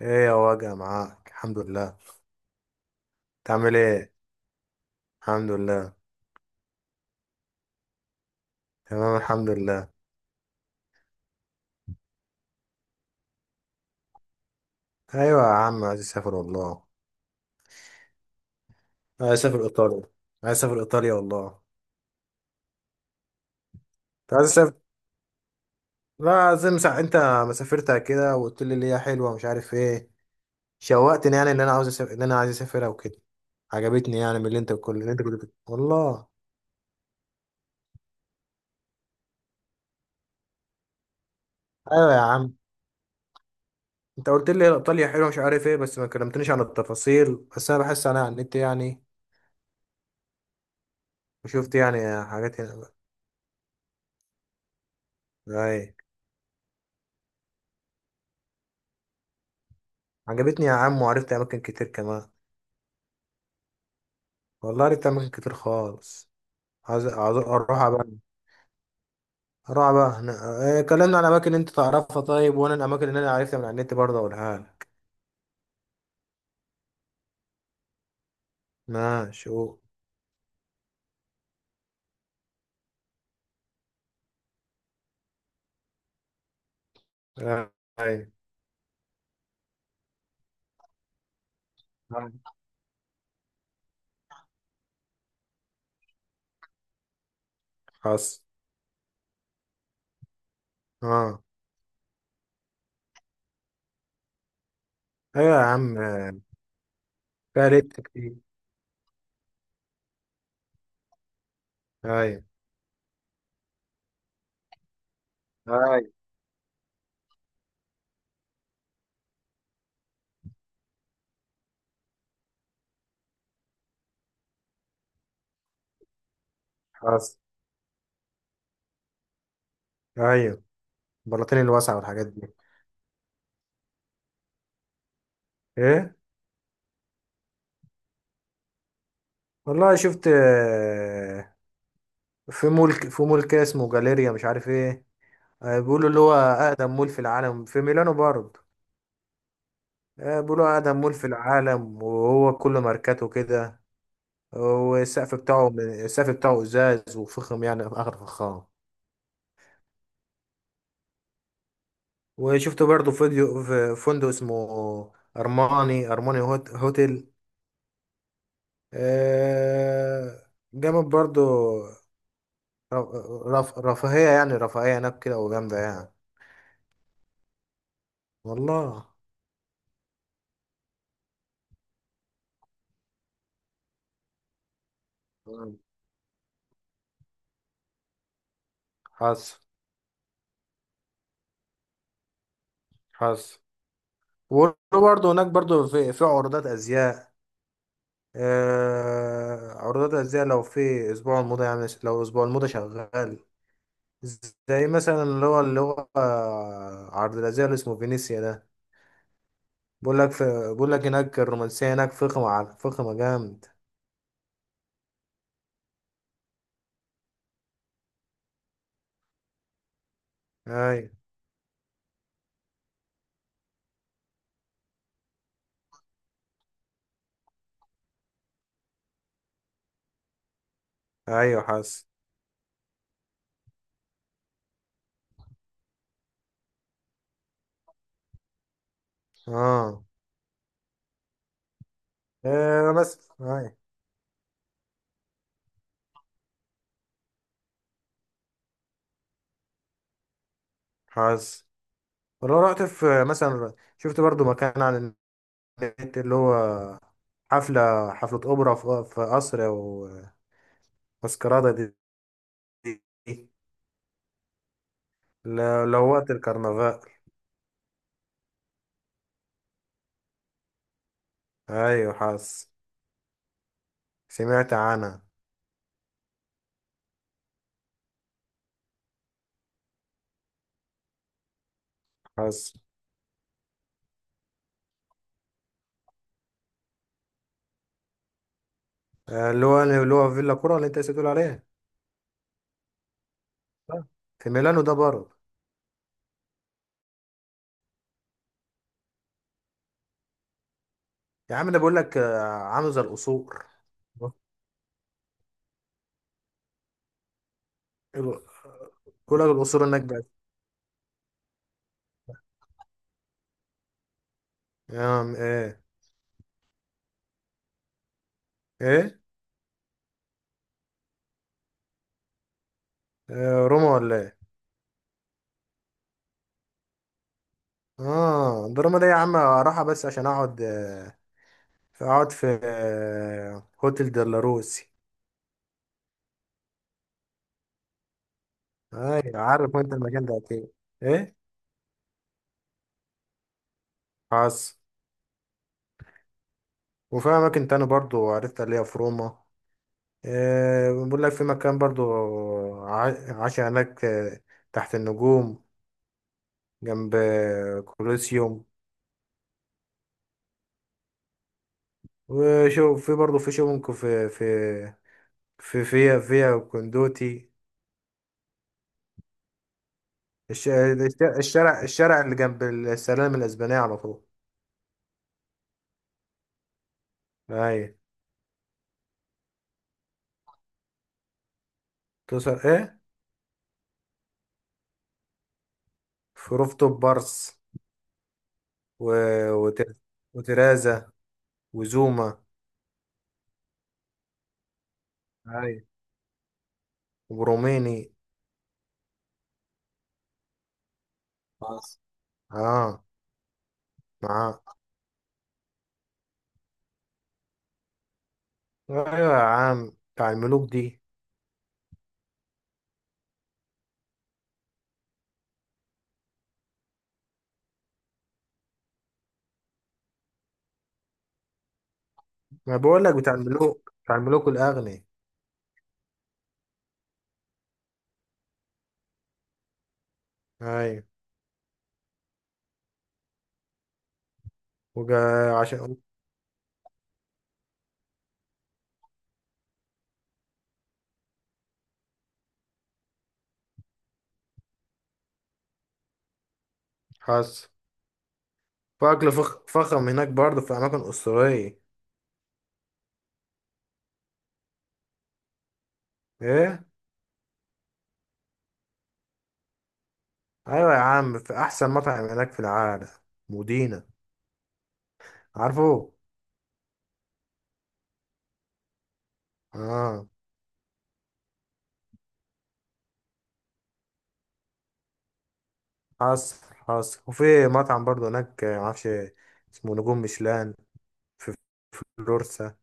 ايه يا وجع معاك الحمد لله. تعمل ايه؟ الحمد لله. تمام الحمد لله. ايوه يا عم عايز اسافر والله. عايز اسافر ايطاليا. عايز اسافر ايطاليا والله. انت عايز اسافر. لا زي انت ما سافرتها كده وقلت لي اللي هي حلوه مش عارف ايه. شوقتني يعني اللي انا عايز اسافرها وكده. عجبتني يعني من اللي انت كل اللي انت والله. ايوه يا عم. انت قلت لي ايطاليا حلوه مش عارف ايه، بس ما كلمتنيش عن التفاصيل، بس انا بحس انا على النت يعني. وشفت يعني حاجات هنا. ايوه. عجبتني يا عم وعرفت اماكن كتير كمان. والله عرفت اماكن كتير خالص. عايز اروحها بقى. اروحها بقى هنا. آه، كلمنا عن اماكن انت تعرفها طيب، وانا الاماكن اللي انا عرفتها من على النت برضه اقولها لك. ماشي قول. آه، ايوه. آه، حصل. اه. ايوه يا عم. آه، فيها لبس كتير. ايوه. ايوه. حصل. ايوه. البلاطين الواسعه والحاجات دي. ايه؟ والله شفت. في مول في مول كده اسمه جاليريا مش عارف ايه. آه، بيقولوا اللي هو أقدم مول في العالم في ميلانو برضه. آه، بيقولوا أقدم مول في العالم، وهو كله ماركاته كده. والسقف بتاعه السقف بتاعه إزاز وفخم يعني آخر فخام. وشفت برضه فيديو في فندق اسمه أرماني هوتيل. آه، جامد برضه. ر- رف رفاهية يعني رفاهية هناك كده وجامدة يعني. والله. مم. حصل. حصل. وبرضه هناك برضه في عروضات أزياء. آه، عروضات الأزياء لو في أسبوع الموضة يعني لو أسبوع الموضة شغال. زي مثلا اللي هو عرض الأزياء اللي اسمه فينيسيا ده. بقول لك في. بقول لك هناك الرومانسية هناك فخمة على فخمة جامد. أيوة. أيوة حاسس. آه. آه، بس أيوة. حاسس. ولو رحت في مثلا شفت برضو مكان على النت اللي هو حفلة أوبرا في قصر أو ماسكرادة دي دي- لو وقت الكرنفال. ايوه حاسس. سمعت عنها. حاسس. آه، اللي هو فيلا كورة اللي انت لسه بتقول عليها. آه. في ميلانو ده برضه. يا عم ده بقول لك عامل زي القصور. ال- بقول لك القصور هناك بقى. آه، ايه. ايه. آه، روما ولا ايه؟ اه ده روما ده يا عم راحة بس عشان اقعد في هوتيل ديلاروسي. ايوه عارف انت المكان ده اكيد. ايه. حاسس. وفي اماكن تاني برضه عرفتها اللي هي في روما. آه، بقول لك في مكان برضو عاش هناك، آه، تحت النجوم، جنب كولوسيوم. وشو في برضو في شونكو في فيا كوندوتي. الشارع اللي جنب السلام الأسبانية على طول. أي. توصل إيه؟ في روفتوب بارس و... وتر... وترازا وزوما. أي. وبروميني. آه. معاه. أيوة يا عم بتاع الملوك دي. ما بقول لك بتاع الملوك بتاع الملوك الأغنياء. أيوة. وجا. عشان. حصل. فأكل فخم هناك برضه في أماكن أسطورية. إيه؟ أيوة يا عم في أحسن مطعم هناك في العالم. مدينة. عارفه؟ آه. حصل. حصل. وفي مطعم برضه هناك معرفش اسمه نجوم ميشلان. في فلورسا.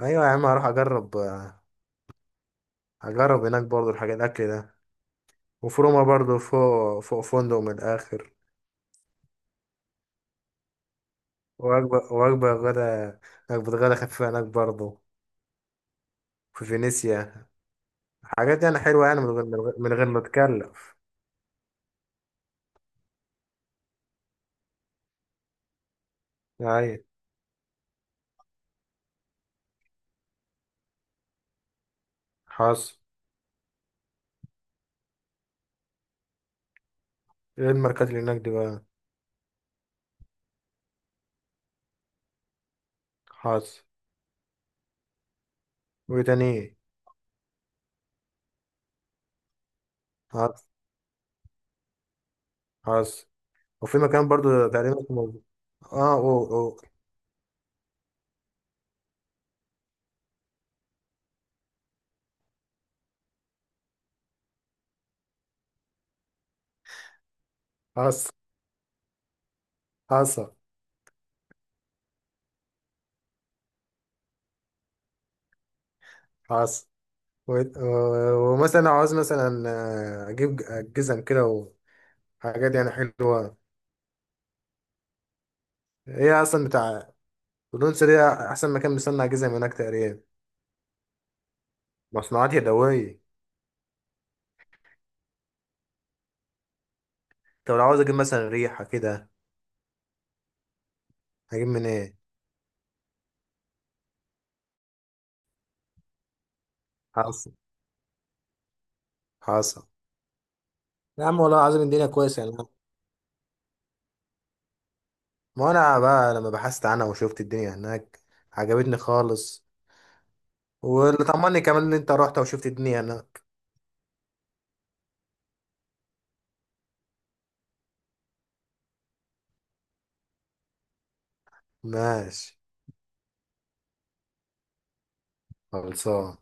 أيوة يا عم هروح أجرب هناك برضه الحاجات الأكل ده. وفي روما برضه فوق فوق فندق من الآخر. وجبة غدا. وجبة غدا خفيفة هناك برضه. في فينيسيا. حاجات يعني حلوة يعني من غير ما تكلف. أي. حصل. ايه الماركات اللي هناك دي بقى؟ حصل. وايه تاني إيه؟ حصل. حصل. وفي مكان برضه تقريبا اسمه. اه او. حصل. حصل. حصل. ومثلا عاوز مثلا اجيب جزم كده وحاجات يعني حلوة. هي اصلا بتاع. تونس دي احسن مكان بيصنع جزم هناك تقريبا. مصنوعات يدوية. طب لو عاوز اجيب مثلا ريحه كده. هجيب من ايه؟ حصل. حصل. يا عم والله العظيم الدنيا كويسه يعني. ما انا بقى لما بحثت عنها وشفت الدنيا هناك عجبتني خالص. واللي طمني كمان ان انت رحت وشفت الدنيا هناك. ماشي. خلصان.